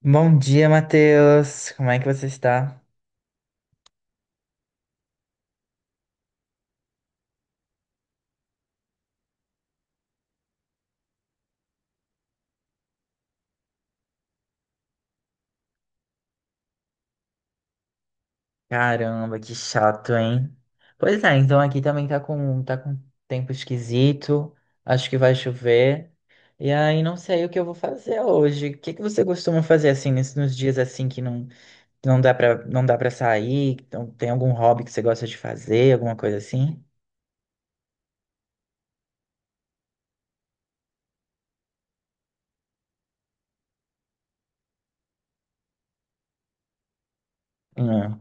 Bom dia, Matheus. Como é que você está? Caramba, que chato, hein? Pois é, então aqui também tá com tempo esquisito, acho que vai chover, e aí não sei o que eu vou fazer hoje. O que que você costuma fazer assim, nos dias assim que não dá pra, não dá para sair? Então, tem algum hobby que você gosta de fazer, alguma coisa assim? Hum,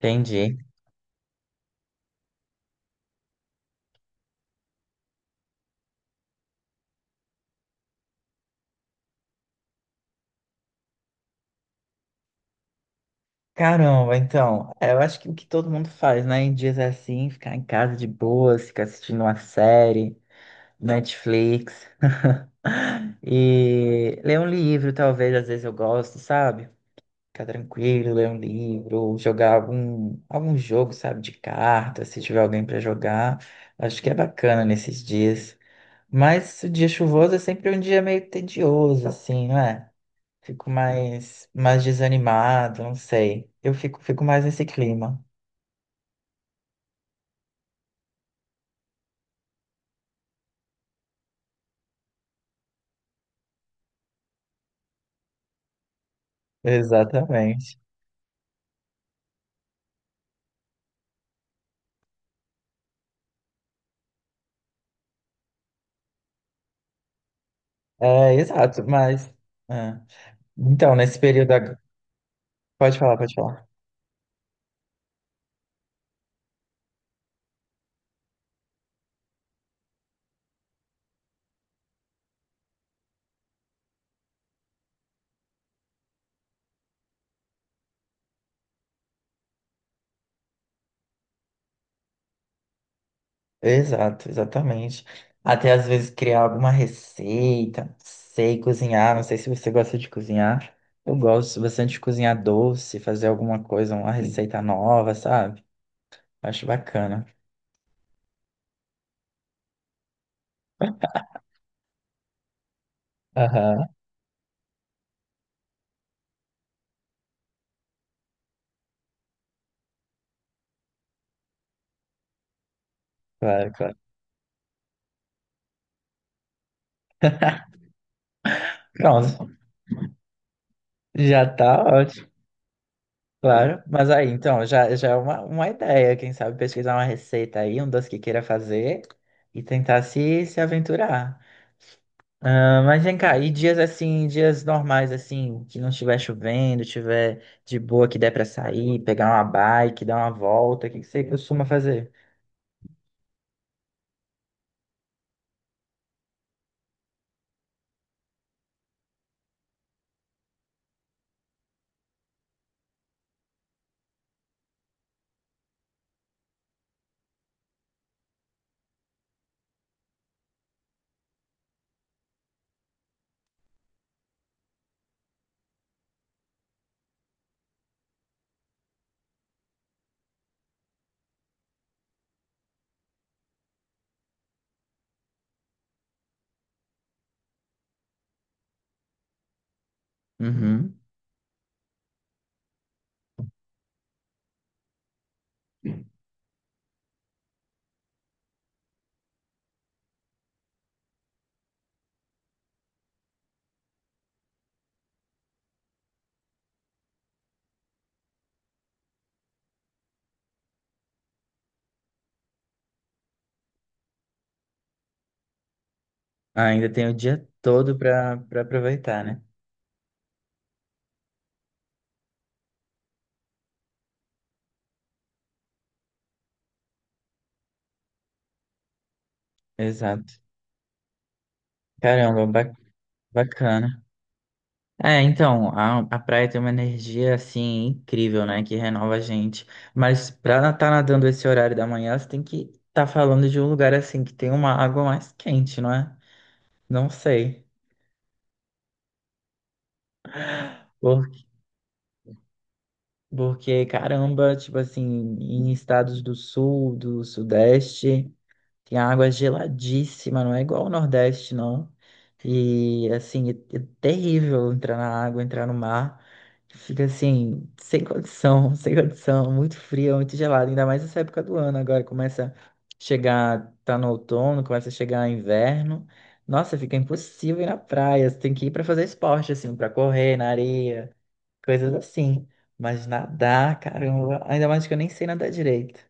entendi. Caramba, então, é, eu acho que o que todo mundo faz, né? Em dias assim, ficar em casa de boa, ficar assistindo uma série. Netflix. E ler um livro, talvez, às vezes eu gosto, sabe? Ficar tranquilo, ler um livro, ou jogar algum jogo, sabe, de carta, se tiver alguém para jogar. Acho que é bacana nesses dias. Mas o dia chuvoso é sempre um dia meio tedioso, assim, não é? Fico mais desanimado, não sei. Eu fico mais nesse clima. Exatamente. É, exato, mas. É. Então, nesse período. Pode falar, pode falar. Exato, exatamente. Até às vezes criar alguma receita, não sei cozinhar, não sei se você gosta de cozinhar. Eu gosto bastante de cozinhar doce, fazer alguma coisa, uma receita nova, sabe? Acho bacana. Aham, claro, claro. Pronto, já tá ótimo, claro. Mas aí, então, já é uma ideia, quem sabe pesquisar uma receita aí, um doce que queira fazer e tentar se aventurar. Ah, mas vem cá, e dias assim, dias normais assim, que não estiver chovendo, estiver de boa, que der pra sair, pegar uma bike, dar uma volta, o que que você costuma fazer? Uhum. Ah, ainda tem o dia todo pra aproveitar, né? Exato. Caramba, bacana. É, então, a praia tem uma energia assim incrível, né? Que renova a gente. Mas pra estar tá nadando esse horário da manhã, você tem que estar tá falando de um lugar assim que tem uma água mais quente, não é? Não sei. Porque, caramba, tipo assim, em estados do sul, do sudeste, tem água geladíssima, não é igual ao Nordeste, não. E, assim, é terrível entrar na água, entrar no mar. Fica assim, sem condição, sem condição, muito frio, muito gelado, ainda mais nessa época do ano. Agora começa a chegar, tá no outono, começa a chegar inverno. Nossa, fica impossível ir na praia, você tem que ir para fazer esporte, assim, para correr na areia, coisas assim. Mas nadar, caramba, ainda mais que eu nem sei nadar direito.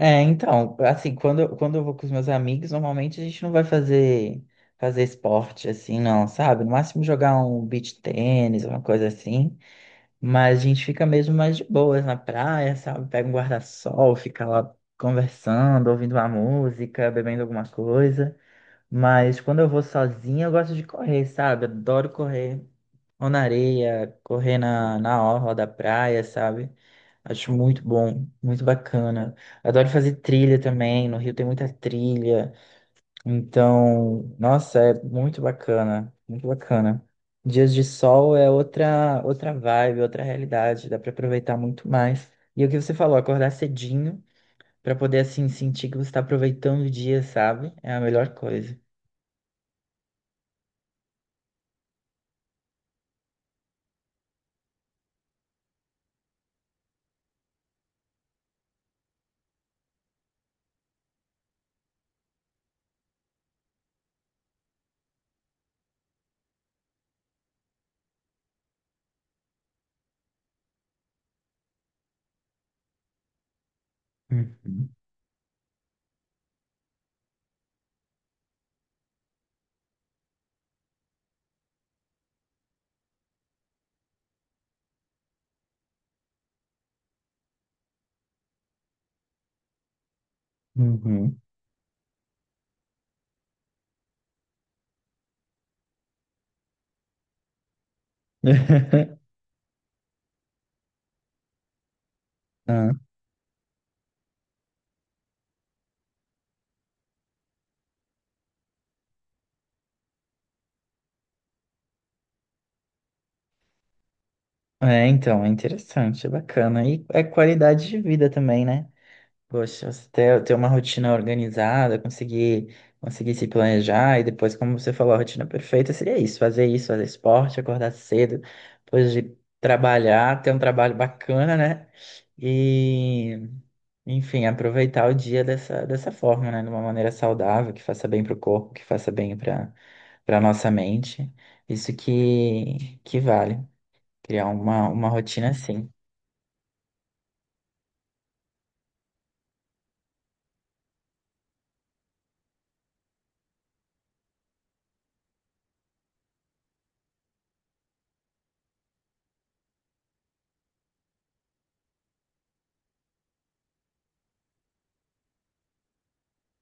É, então, assim, quando eu vou com os meus amigos, normalmente a gente não vai fazer esporte assim, não, sabe? No máximo jogar um beach tênis, uma coisa assim. Mas a gente fica mesmo mais de boas na praia, sabe? Pega um guarda-sol, fica lá conversando, ouvindo uma música, bebendo alguma coisa. Mas quando eu vou sozinha, eu gosto de correr, sabe? Adoro correr, ou na areia, correr na, na orla da praia, sabe? Acho muito bom, muito bacana. Adoro fazer trilha também, no Rio tem muita trilha. Então, nossa, é muito bacana, muito bacana. Dias de sol é outra vibe, outra realidade, dá para aproveitar muito mais. E é o que você falou, acordar cedinho para poder assim sentir que você está aproveitando o dia, sabe? É a melhor coisa. Uhum. Uhum. Ah. É, então, é interessante, é bacana. E é qualidade de vida também, né? Poxa, você ter uma rotina organizada, conseguir se planejar e depois, como você falou, a rotina perfeita seria isso, fazer esporte, acordar cedo, depois de trabalhar, ter um trabalho bacana, né? E, enfim, aproveitar o dia dessa forma, né? De uma maneira saudável, que faça bem para o corpo, que faça bem para nossa mente. Isso que vale. Criar uma rotina assim.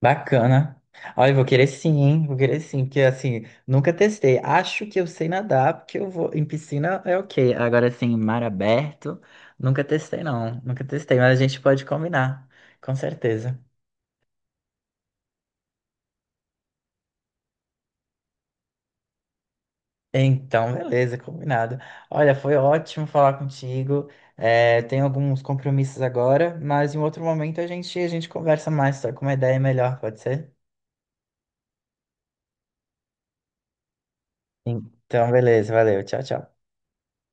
Bacana. Olha, eu vou querer sim, hein? Vou querer sim, porque assim, nunca testei. Acho que eu sei nadar, porque eu vou. Em piscina é ok. Agora, assim, mar aberto, nunca testei, não. Nunca testei, mas a gente pode combinar, com certeza. Então, beleza, combinado. Olha, foi ótimo falar contigo. É, tenho alguns compromissos agora, mas em outro momento a gente conversa mais, só com uma ideia melhor, pode ser? Então, beleza, valeu. Tchau, tchau.